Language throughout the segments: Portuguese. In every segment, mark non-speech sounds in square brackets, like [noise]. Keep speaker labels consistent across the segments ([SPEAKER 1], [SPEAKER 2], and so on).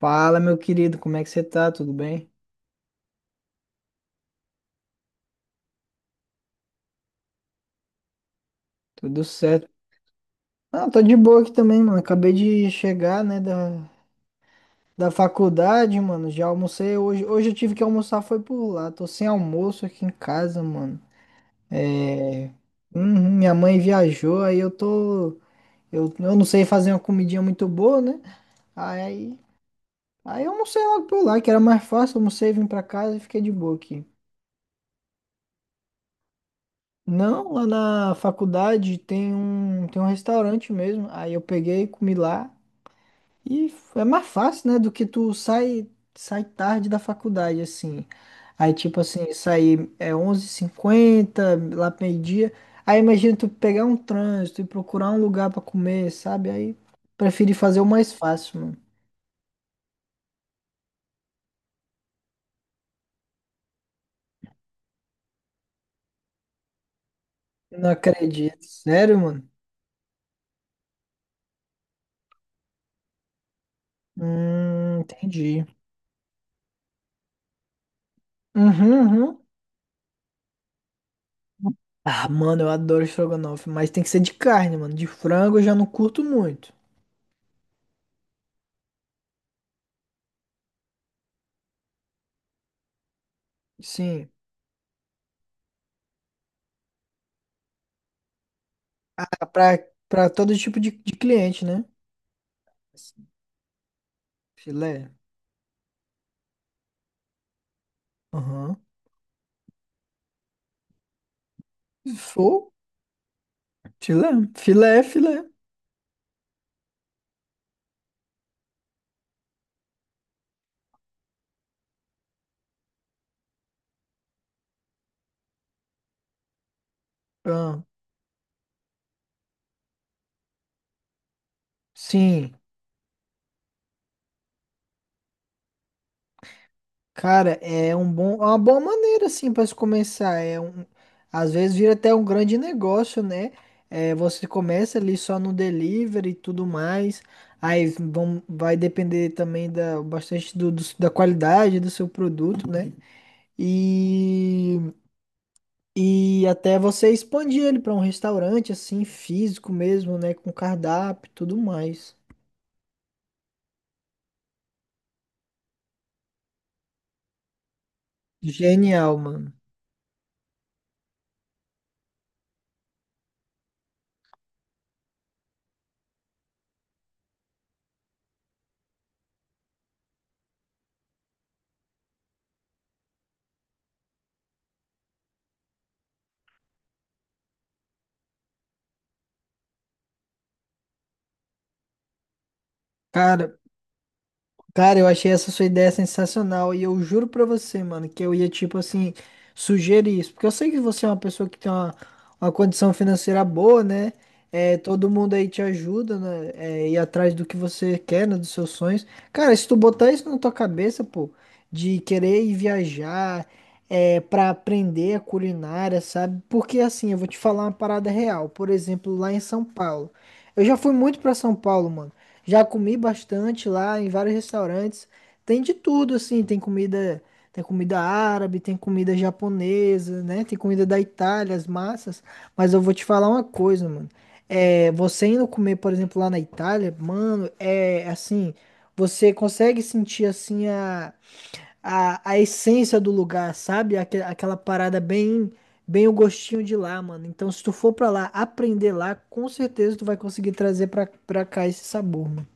[SPEAKER 1] Fala, meu querido, como é que você tá? Tudo bem? Tudo certo? Ah, tô de boa aqui também, mano. Acabei de chegar, né, da faculdade, mano. Já almocei hoje. Hoje eu tive que almoçar, foi por lá. Tô sem almoço aqui em casa, mano. É. Uhum, minha mãe viajou, aí eu tô. Eu não sei fazer uma comidinha muito boa, né? Aí, aí eu almocei logo por lá, que era mais fácil. Almocei, vim pra casa e fiquei de boa aqui. Não, lá na faculdade tem um restaurante mesmo. Aí eu peguei, comi lá. É mais fácil, né? Do que tu sai tarde da faculdade, assim. Aí, tipo assim, sair é onze h 50 lá pro meio-dia. Aí imagina tu pegar um trânsito e procurar um lugar pra comer, sabe? Aí preferi fazer o mais fácil, mano. Não acredito. Sério, mano? Entendi. Uhum, uhum. Ah, mano, eu adoro estrogonofe, mas tem que ser de carne, mano. De frango eu já não curto muito. Sim, pra todo tipo de cliente, né? Filé. Aham. Sou? Filé. Filé, filé. Ah, sim. Cara, é um bom, é uma boa maneira assim para se começar. É um, às vezes vira até um grande negócio, né? É, você começa ali só no delivery e tudo mais. Aí vai depender também da bastante do, do- da qualidade do seu produto, né? E, e até você expandir ele para um restaurante assim físico mesmo, né? Com cardápio e tudo mais. Genial, mano. Cara. Cara, eu achei essa sua ideia sensacional e eu juro pra você, mano, que eu ia, tipo assim, sugerir isso. Porque eu sei que você é uma pessoa que tem uma condição financeira boa, né? É, todo mundo aí te ajuda, né? É, ir atrás do que você quer, né? Dos seus sonhos. Cara, se tu botar isso na tua cabeça, pô, de querer ir viajar, é, pra aprender a culinária, sabe? Porque assim, eu vou te falar uma parada real. Por exemplo, lá em São Paulo. Eu já fui muito pra São Paulo, mano. Já comi bastante lá em vários restaurantes. Tem de tudo, assim. Tem comida árabe, tem comida japonesa, né? Tem comida da Itália, as massas. Mas eu vou te falar uma coisa, mano. É, você indo comer, por exemplo, lá na Itália, mano, é assim, você consegue sentir assim a, essência do lugar, sabe? Aquela parada bem o gostinho de lá, mano. Então, se tu for pra lá aprender lá, com certeza tu vai conseguir trazer pra cá esse sabor, mano.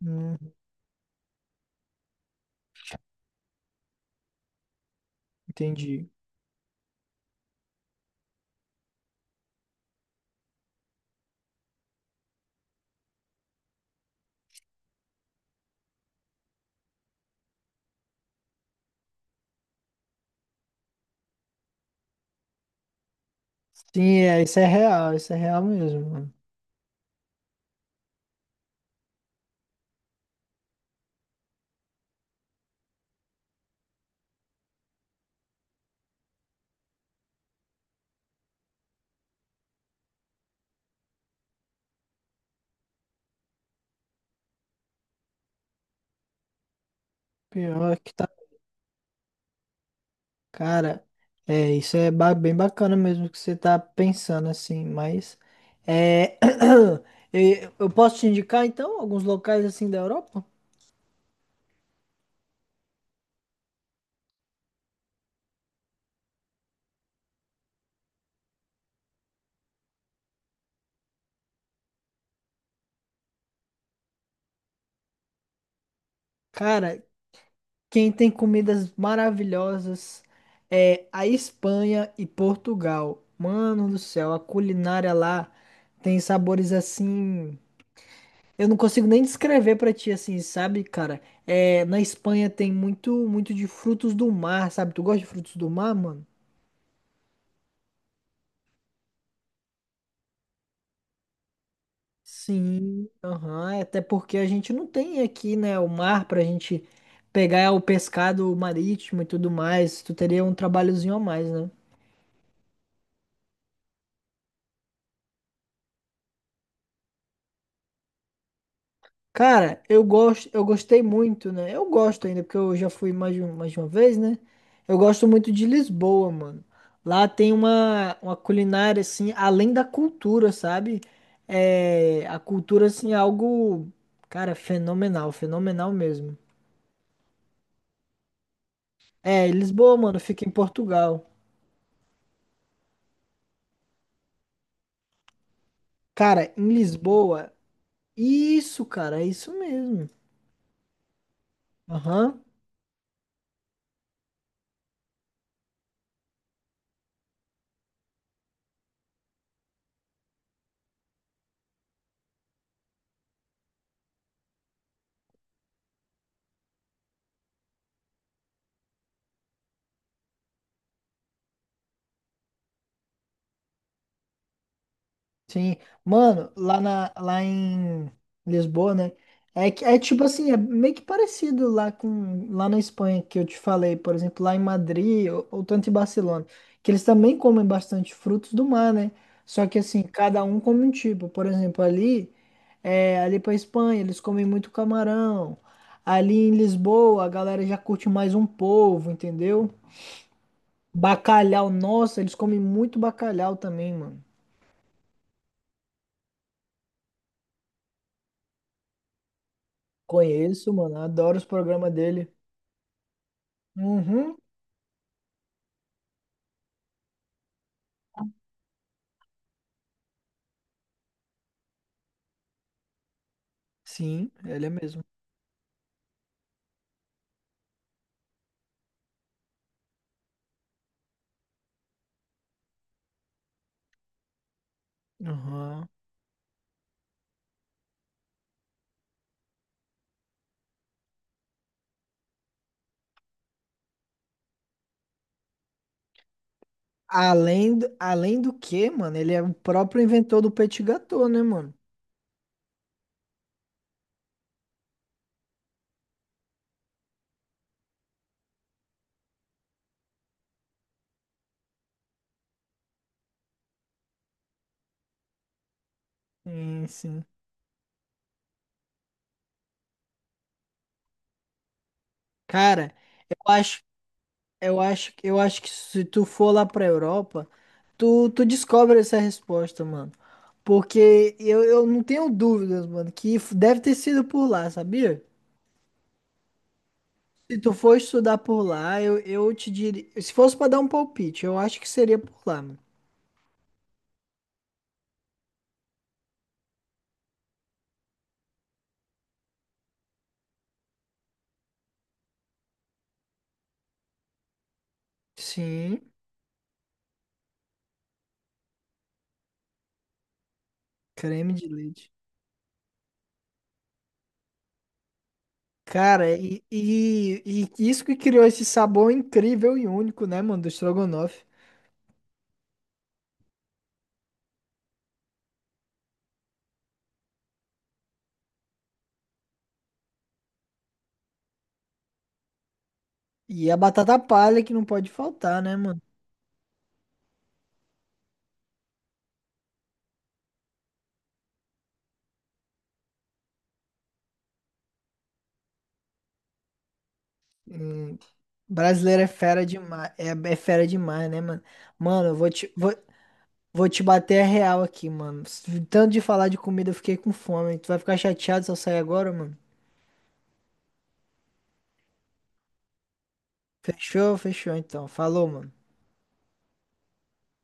[SPEAKER 1] Hum, entendi. Sim, é, isso é real mesmo, mano. Pior que tá, cara, é, isso é ba- bem bacana mesmo que você tá pensando assim, mas é, [clears throat] eu posso te indicar então alguns locais assim da Europa? Cara, quem tem comidas maravilhosas é a Espanha e Portugal. Mano do céu, a culinária lá tem sabores assim. Eu não consigo nem descrever pra ti assim, sabe, cara? É, na Espanha tem muito, muito de frutos do mar, sabe? Tu gosta de frutos do mar, mano? Sim. Aham, é até porque a gente não tem aqui, né, o mar pra gente pegar é o pescado marítimo e tudo mais. Tu teria um trabalhozinho a mais, né? Cara, eu gosto, eu gostei muito, né? Eu gosto ainda, porque eu já fui mais de uma vez, né? Eu gosto muito de Lisboa, mano. Lá tem uma culinária, assim, além da cultura, sabe? É, a cultura, assim, é algo, cara, fenomenal, fenomenal mesmo. É, Lisboa, mano, fica em Portugal. Cara, em Lisboa, isso, cara, é isso mesmo. Aham. Sim, mano, lá em Lisboa, né? É, que- é tipo assim, é meio que parecido lá com lá na Espanha que eu te falei, por exemplo, lá em Madrid ou tanto em Barcelona, que eles também comem bastante frutos do mar, né? Só que assim, cada um come um tipo. Por exemplo, ali, é, ali pra Espanha, eles comem muito camarão. Ali em Lisboa, a galera já curte mais um polvo, entendeu? Bacalhau, nossa, eles comem muito bacalhau também, mano. Conheço, mano. Adoro os programas dele. Uhum. Sim, ele é mesmo. Aham. Além do que, mano, ele é o próprio inventor do petit gâteau, né, mano? Sim, sim. Cara, eu acho, eu acho que se tu for lá pra Europa, tu descobre essa resposta, mano. Porque eu não tenho dúvidas, mano, que f- deve ter sido por lá, sabia? Se tu for estudar por lá, eu te diria. Se fosse pra dar um palpite, eu acho que seria por lá, mano. Sim, creme de leite. Cara, e isso que criou esse sabor incrível e único, né, mano, do estrogonofe. E a batata palha que não pode faltar, né, mano? Hum, brasileiro é fera demais, é fera demais, né, mano? Mano, eu vou te bater a real aqui, mano. Tanto de falar de comida, eu fiquei com fome. Tu vai ficar chateado se eu sair agora, mano? Fechou? Fechou, então. Falou, mano.